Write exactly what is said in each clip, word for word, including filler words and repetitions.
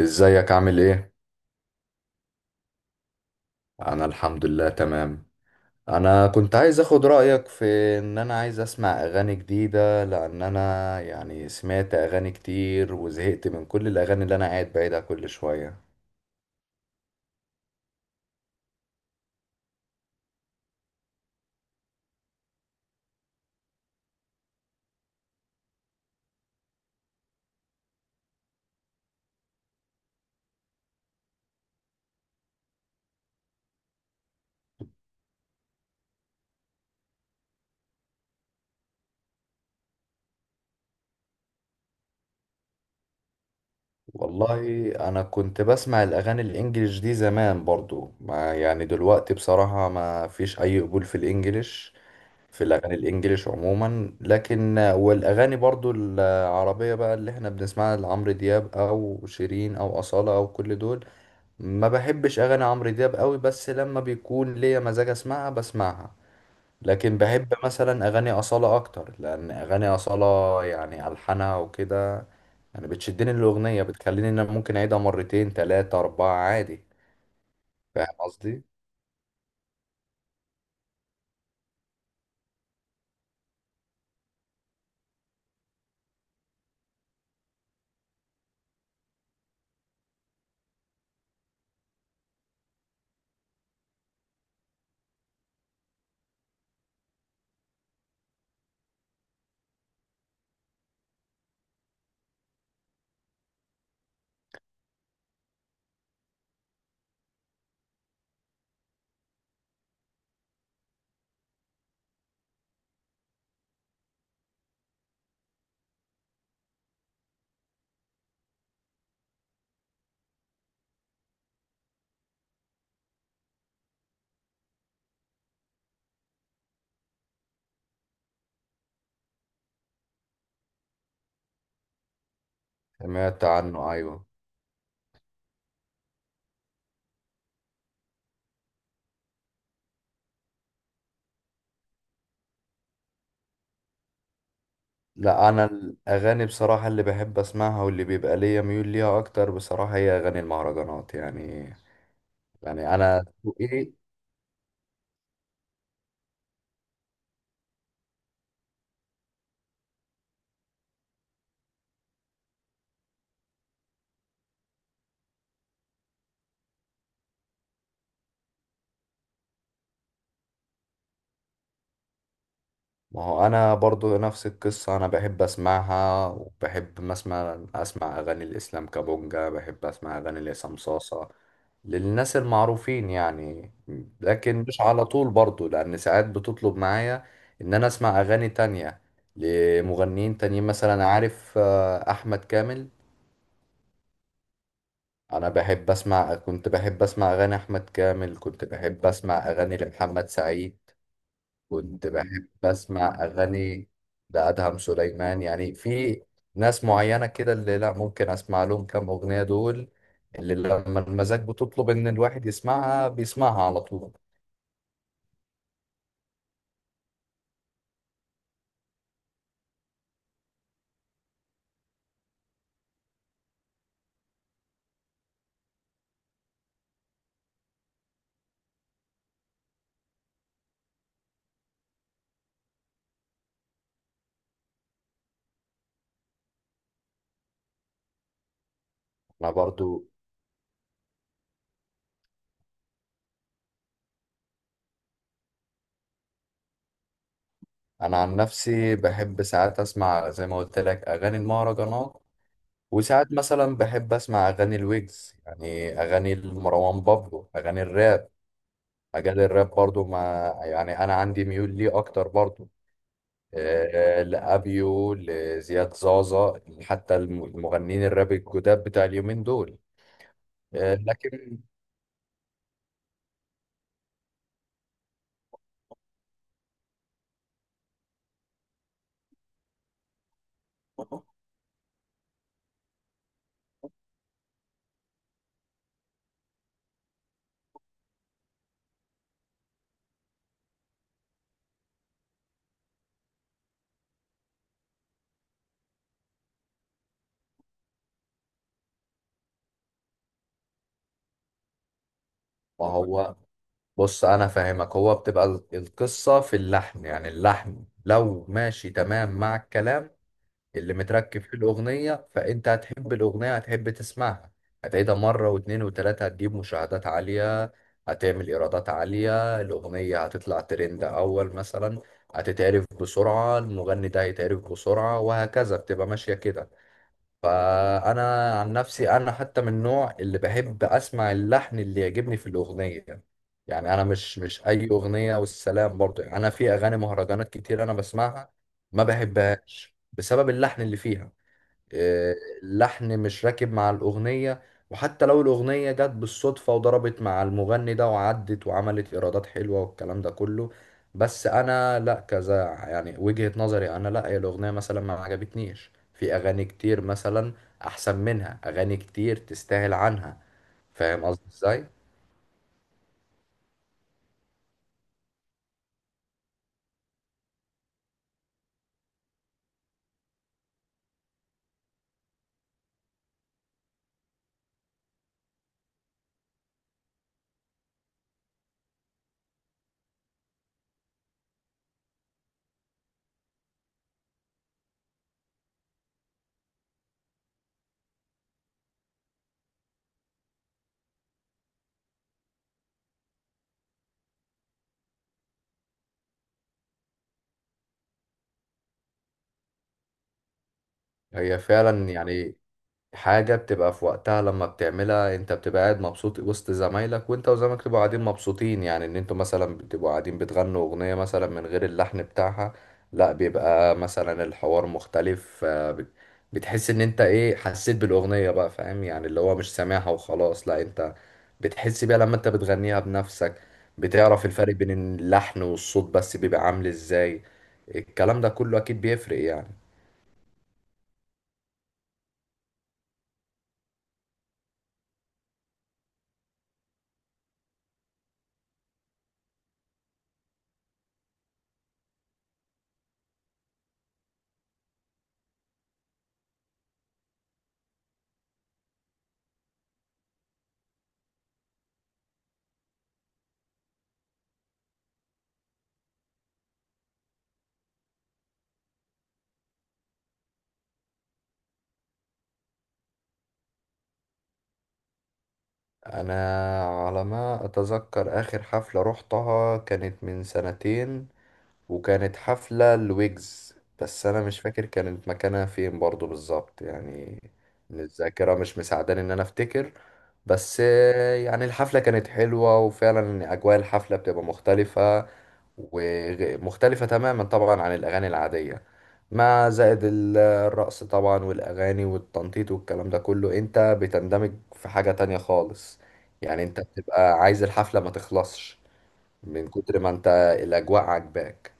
ازيك؟ عامل ايه؟ انا الحمد لله تمام. انا كنت عايز اخد رأيك في ان انا عايز اسمع اغاني جديدة، لان انا يعني سمعت اغاني كتير وزهقت من كل الاغاني اللي انا قاعد بعيدها كل شوية. والله انا كنت بسمع الاغاني الانجليش دي زمان برضو، ما يعني دلوقتي بصراحة ما فيش اي قبول في الانجليش، في الاغاني الانجليش عموما. لكن والاغاني برضو العربية بقى اللي احنا بنسمعها لعمرو دياب او شيرين او أصالة او كل دول، ما بحبش اغاني عمرو دياب قوي، بس لما بيكون ليا مزاج اسمعها بسمعها. لكن بحب مثلا اغاني اصالة اكتر، لان اغاني اصالة يعني الحانها وكده، يعني بتشدني الاغنية، بتخليني ان انا ممكن اعيدها مرتين تلاتة اربعة عادي. فاهم قصدي؟ سمعت عنه، ايوه. لا، انا الاغاني بصراحة اللي بحب اسمعها واللي بيبقى ليا ميول ليها اكتر بصراحة هي اغاني المهرجانات، يعني يعني انا ذوقي. ما هو انا برضو نفس القصة، انا بحب اسمعها، وبحب مثلا اسمع اغاني الاسلام كابونجا، بحب اسمع اغاني لعصام صاصة، للناس المعروفين يعني. لكن مش على طول برضو، لان ساعات بتطلب معايا ان انا اسمع اغاني تانية لمغنيين تانيين، مثلا عارف آه، احمد كامل. انا بحب اسمع، كنت بحب اسمع اغاني احمد كامل، كنت بحب اسمع اغاني لمحمد سعيد، كنت بحب أسمع أغاني لأدهم سليمان، يعني في ناس معينة كده اللي لا ممكن أسمع لهم كام أغنية دول، اللي لما المزاج بتطلب إن الواحد يسمعها بيسمعها على طول. أنا برضو أنا عن نفسي بحب ساعات أسمع زي ما قلت لك أغاني المهرجانات، وساعات مثلا بحب أسمع أغاني الويجز، يعني أغاني مروان بابلو، أغاني الراب. أغاني الراب برضو، ما يعني أنا عندي ميول ليه أكتر برضو، آه، لأبيو، لزياد زازا، حتى الم- المغنيين الراب الجداد بتاع اليومين دول. آه، لكن ما هو، بص أنا فاهمك، هو بتبقى ال- القصة في اللحن، يعني اللحن لو ماشي تمام مع الكلام اللي متركب في الأغنية، فأنت هتحب الأغنية، هتحب تسمعها، هتعيدها مرة واتنين وتلاتة، هتجيب مشاهدات عالية، هتعمل إيرادات عالية، الأغنية هتطلع ترند أول مثلا، هتتعرف بسرعة، المغني ده هيتعرف بسرعة، وهكذا بتبقى ماشية كده. فانا عن نفسي انا حتى من النوع اللي بحب اسمع اللحن اللي يعجبني في الاغنيه، يعني انا مش مش اي اغنيه والسلام برضو، يعني انا في اغاني مهرجانات كتير انا بسمعها ما بحبهاش بسبب اللحن اللي فيها. آه، اللحن مش راكب مع الأغنية، وحتى لو الأغنية جت بالصدفة وضربت مع المغني ده وعدت وعملت إيرادات حلوة والكلام ده كله، بس أنا لأ كذا، يعني وجهة نظري أنا لأ، هي الأغنية مثلا ما عجبتنيش، في أغاني كتير مثلا أحسن منها، أغاني كتير تستاهل عنها. فاهم قصدي إزاي؟ هي فعلا يعني حاجة بتبقى في وقتها، لما بتعملها انت بتبقى قاعد مبسوط وسط زمايلك، وانت وزمايلك تبقوا قاعدين مبسوطين، يعني ان انتوا مثلا بتبقوا قاعدين بتغنوا اغنية مثلا من غير اللحن بتاعها، لا بيبقى مثلا الحوار مختلف. آه، بت- بتحس ان انت ايه، حسيت بالاغنية بقى، فاهم، يعني اللي هو مش سامعها وخلاص، لا انت بتحس بيها لما انت بتغنيها بنفسك، بتعرف الفرق بين اللحن والصوت، بس بيبقى عامل ازاي. الكلام ده كله اكيد بيفرق يعني. انا على ما اتذكر اخر حفلة روحتها كانت من سنتين، وكانت حفلة لويجز، بس انا مش فاكر كانت مكانها فين برضو بالظبط يعني، الذاكرة مش مساعداني ان انا افتكر. بس يعني الحفلة كانت حلوة، وفعلا يعني اجواء الحفلة بتبقى مختلفة، ومختلفة تماما طبعا عن الأغاني العادية، مع زائد ال- الرقص طبعا والأغاني والتنطيط والكلام ده كله، أنت بتندمج في حاجة تانية خالص، يعني أنت بتبقى عايز الحفلة ما تخلصش من كتر ما أنت الأجواء عاجباك.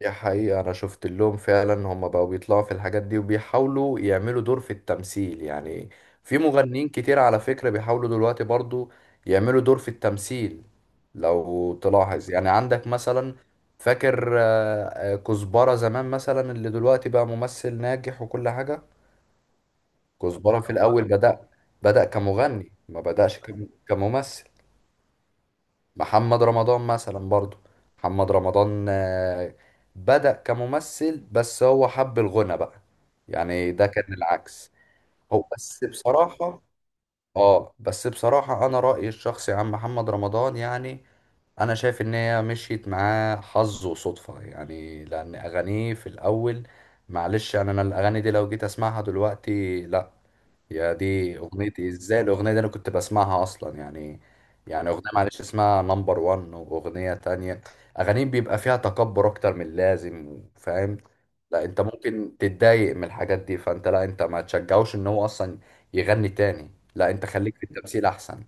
دي حقيقة، أنا شفت لهم فعلا هم بقوا بيطلعوا في الحاجات دي وبيحاولوا يعملوا دور في التمثيل يعني. في مغنيين كتير على فكرة بيحاولوا دلوقتي برضو يعملوا دور في التمثيل، لو تلاحظ يعني، عندك مثلا فاكر آه، آه، كزبرة زمان مثلا، اللي دلوقتي بقى ممثل ناجح وكل حاجة. كزبرة في الأول بدأ بدأ كمغني، ما بدأش كم- كممثل. محمد رمضان مثلا برضو، محمد رمضان آه، بدأ كممثل، بس هو حب الغنى بقى، يعني ده كان العكس. هو بس بصراحة، اه بس بصراحة انا رأيي الشخصي عن محمد رمضان يعني، انا شايف ان هي مشيت معاه حظ وصدفة، يعني لان اغانيه في الاول، معلش يعني، انا الاغاني دي لو جيت اسمعها دلوقتي لا، يا دي اغنيتي ازاي، الاغنيه دي انا كنت بسمعها اصلا يعني؟ يعني اغنيه معلش اسمها نمبر وان، واغنيه تانية، اغانيهم بيبقى فيها تكبر اكتر من اللازم، فاهم؟ لا انت ممكن تتضايق من الحاجات دي، فانت لا، انت ما تشجعوش ان هو اصلا يغني تاني، لا، انت خليك في التمثيل احسن.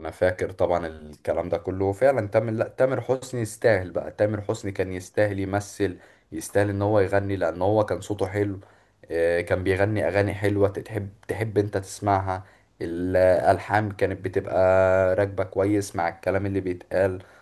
انا فاكر طبعا الكلام ده كله فعلا، تامر، لا تامر حسني يستاهل بقى، تامر حسني كان يستاهل يمثل، يستاهل ان هو يغني، لان هو كان صوته حلو. آه، كان بيغني اغاني حلوة تحب تحب انت تسمعها، الالحان كانت بتبقى راكبة كويس مع الكلام اللي بيتقال.